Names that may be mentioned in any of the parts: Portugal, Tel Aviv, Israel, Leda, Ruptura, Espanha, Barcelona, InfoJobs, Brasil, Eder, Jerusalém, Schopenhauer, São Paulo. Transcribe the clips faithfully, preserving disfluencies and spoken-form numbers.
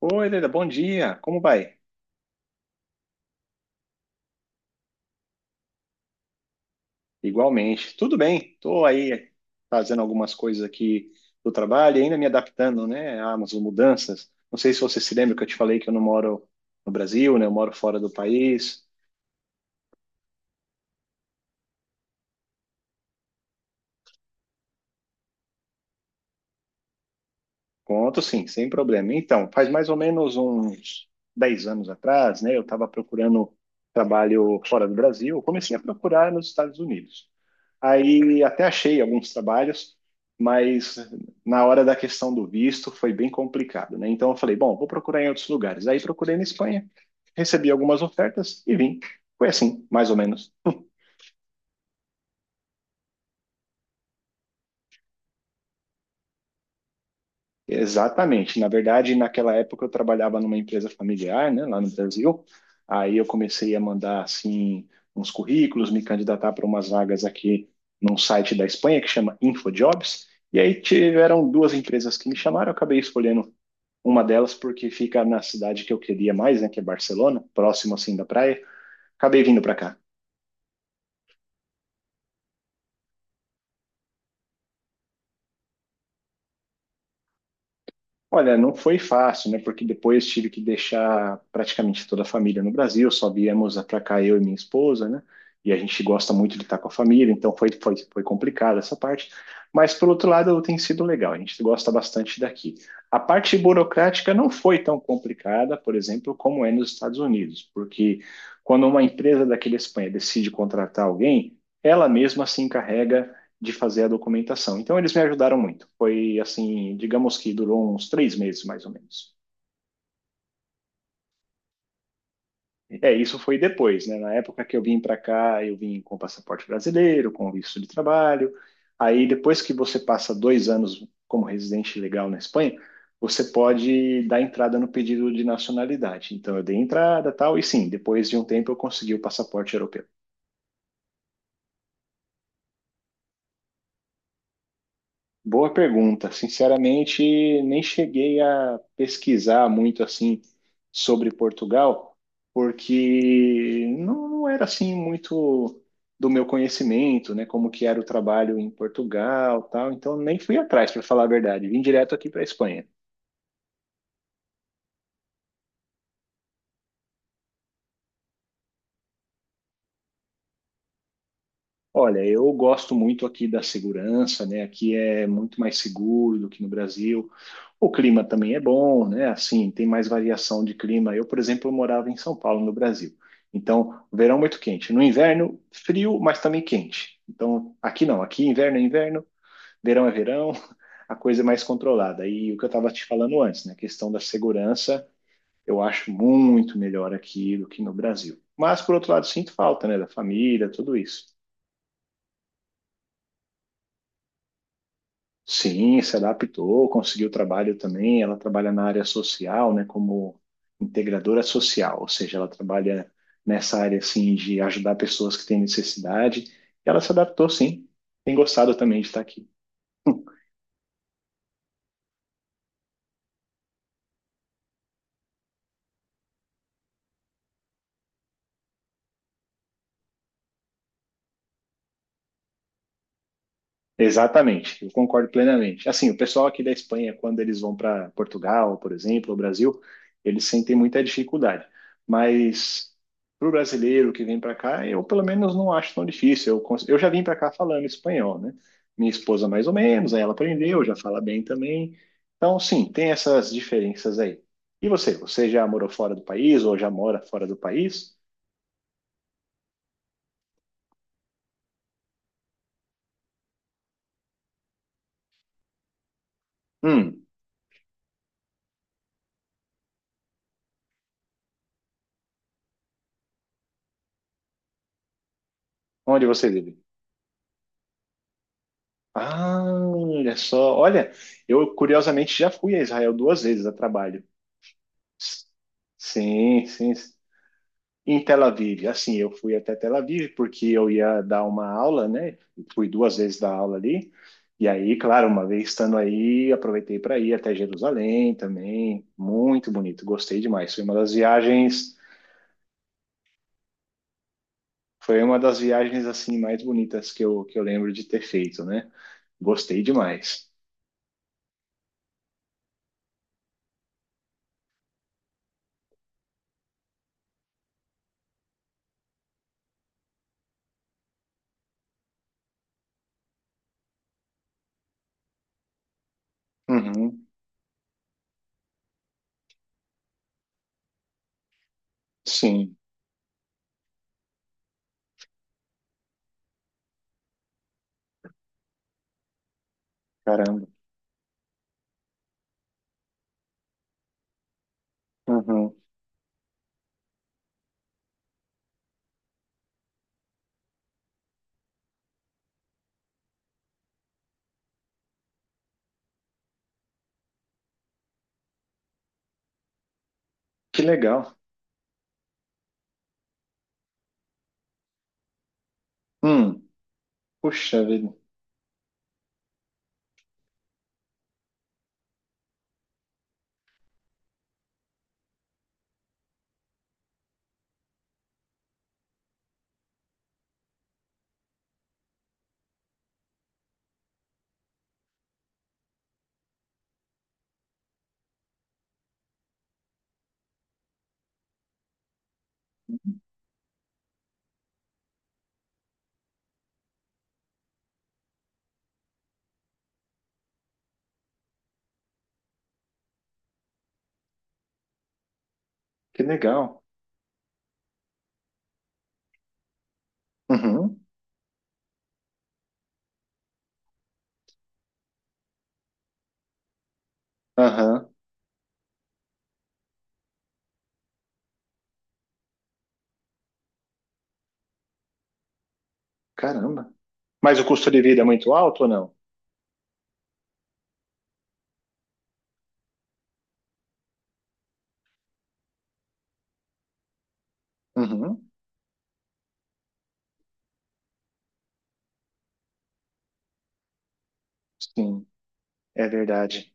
Oi, Leda, bom dia. Como vai? Igualmente. Tudo bem. Estou aí fazendo algumas coisas aqui do trabalho e ainda me adaptando, né, às mudanças. Não sei se você se lembra que eu te falei que eu não moro no Brasil, né? Eu moro fora do país. Conto sim, sem problema. Então, faz mais ou menos uns dez anos atrás, né, eu estava procurando trabalho fora do Brasil. Eu comecei a procurar nos Estados Unidos. Aí até achei alguns trabalhos, mas na hora da questão do visto foi bem complicado, né? Então eu falei, bom, vou procurar em outros lugares. Aí procurei na Espanha, recebi algumas ofertas e vim. Foi assim, mais ou menos. Exatamente. Na verdade, naquela época eu trabalhava numa empresa familiar, né, lá no Brasil. Aí eu comecei a mandar assim uns currículos, me candidatar para umas vagas aqui num site da Espanha que chama InfoJobs. E aí tiveram duas empresas que me chamaram, eu acabei escolhendo uma delas porque fica na cidade que eu queria mais, né, que é Barcelona, próximo assim da praia. Acabei vindo para cá. Olha, não foi fácil, né? Porque depois tive que deixar praticamente toda a família no Brasil, só viemos para cá eu e minha esposa, né? E a gente gosta muito de estar com a família, então foi, foi, foi complicado essa parte. Mas, por outro lado, tem sido legal, a gente gosta bastante daqui. A parte burocrática não foi tão complicada, por exemplo, como é nos Estados Unidos, porque quando uma empresa daqui da Espanha decide contratar alguém, ela mesma se encarrega de fazer a documentação. Então eles me ajudaram muito. Foi assim, digamos que durou uns três meses mais ou menos. É, isso foi depois, né? Na época que eu vim para cá, eu vim com passaporte brasileiro, com visto de trabalho. Aí depois que você passa dois anos como residente legal na Espanha, você pode dar entrada no pedido de nacionalidade. Então eu dei entrada, e tal, e sim, depois de um tempo eu consegui o passaporte europeu. Boa pergunta. Sinceramente, nem cheguei a pesquisar muito assim sobre Portugal, porque não, não era assim muito do meu conhecimento, né? Como que era o trabalho em Portugal, tal. Então nem fui atrás, para falar a verdade. Vim direto aqui para a Espanha. Olha, eu gosto muito aqui da segurança, né? Aqui é muito mais seguro do que no Brasil. O clima também é bom, né? Assim, tem mais variação de clima. Eu, por exemplo, morava em São Paulo, no Brasil. Então, verão muito quente. No inverno, frio, mas também quente. Então, aqui não. Aqui, inverno é inverno, verão é verão, a coisa é mais controlada. E o que eu estava te falando antes, né? A questão da segurança, eu acho muito melhor aqui do que no Brasil. Mas, por outro lado, sinto falta, né? Da família, tudo isso. Sim, se adaptou, conseguiu trabalho também. Ela trabalha na área social, né, como integradora social, ou seja, ela trabalha nessa área assim de ajudar pessoas que têm necessidade. E ela se adaptou, sim. Tem gostado também de estar aqui. Exatamente, eu concordo plenamente. Assim, o pessoal aqui da Espanha, quando eles vão para Portugal, por exemplo, ou Brasil, eles sentem muita dificuldade. Mas para o brasileiro que vem para cá, eu pelo menos não acho tão difícil. Eu, cons- eu já vim para cá falando espanhol, né? Minha esposa mais ou menos, aí ela aprendeu, já fala bem também. Então, sim, tem essas diferenças aí. E você? Você já morou fora do país ou já mora fora do país? Hum, Onde você vive? Ah, olha só. Olha, eu curiosamente já fui a Israel duas vezes a trabalho. S- Sim, sim. Em Tel Aviv, assim, eu fui até Tel Aviv porque eu ia dar uma aula, né? Fui duas vezes dar aula ali. E aí, claro, uma vez estando aí, aproveitei para ir até Jerusalém também. Muito bonito, gostei demais. Foi uma das viagens, foi uma das viagens assim mais bonitas que eu, que eu lembro de ter feito, né? Gostei demais. Uhum. Sim. Caramba. Uhum. Que legal. Hum. Puxa vida. Que legal. Uhum. Aham. Caramba. Mas o custo de vida é muito alto ou não? Uhum. Sim, é verdade.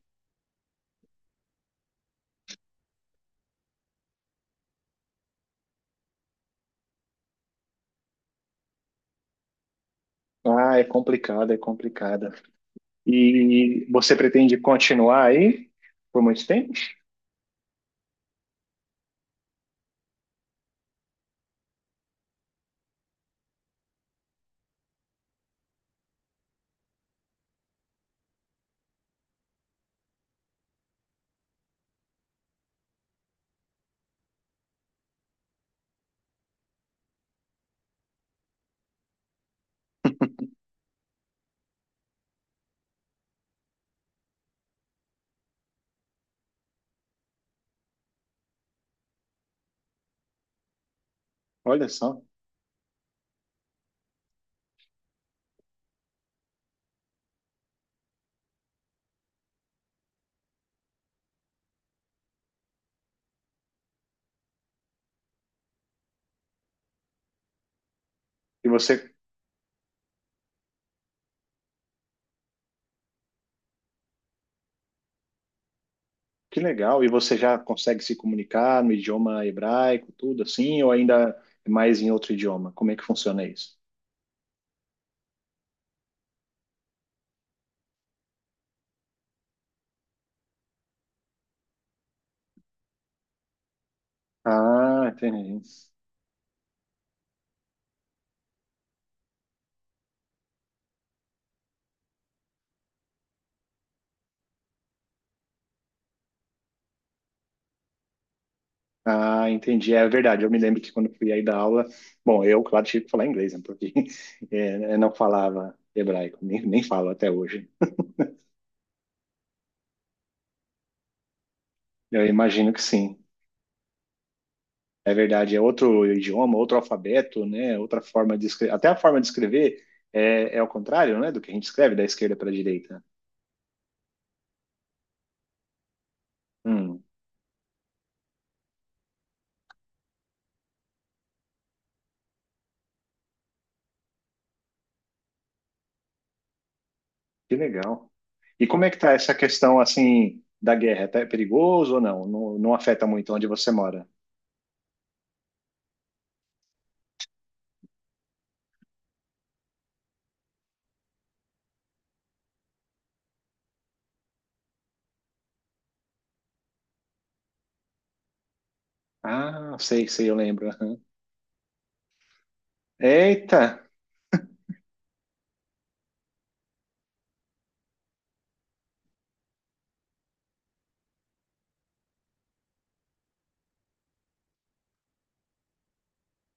Ah, é complicado, é complicada. E você pretende continuar aí por muito tempo? Olha só. E você, que legal. E você já consegue se comunicar no idioma hebraico, tudo assim, ou ainda é mais em outro idioma? Como é que funciona isso? Ah, entendi. Ah, entendi. É verdade. Eu me lembro que quando eu fui aí dar aula, bom, eu, claro, tive que falar inglês, né? Porque eh, eu não falava hebraico, nem, nem falo até hoje. Eu imagino que sim. É verdade. É outro idioma, outro alfabeto, né? Outra forma de escrever. Até a forma de escrever é, é ao contrário, né? Do que a gente escreve, da esquerda para a direita. Hum, que legal. E como é que tá essa questão, assim, da guerra? Tá- É perigoso ou não? Não, não afeta muito onde você mora? Ah, sei, sei, eu lembro. Aham. Eita!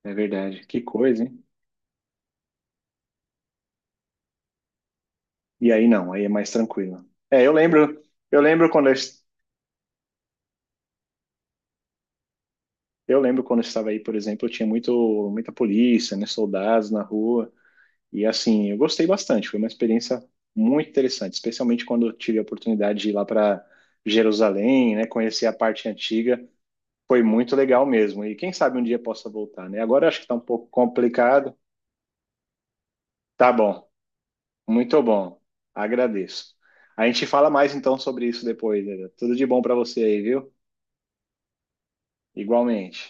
É verdade. Que coisa, hein? E aí não, aí é mais tranquilo. É, eu lembro, eu lembro quando eu, es- eu lembro quando eu estava aí, por exemplo, eu tinha muito muita polícia, né, soldados na rua, e assim, eu gostei bastante, foi uma experiência muito interessante, especialmente quando eu tive a oportunidade de ir lá para Jerusalém, né, conhecer a parte antiga, foi muito legal mesmo. E quem sabe um dia possa voltar, né? Agora eu acho que tá um pouco complicado. Tá bom. Muito bom. Agradeço. A gente fala mais então sobre isso depois, Eder. Tudo de bom para você aí, viu? Igualmente.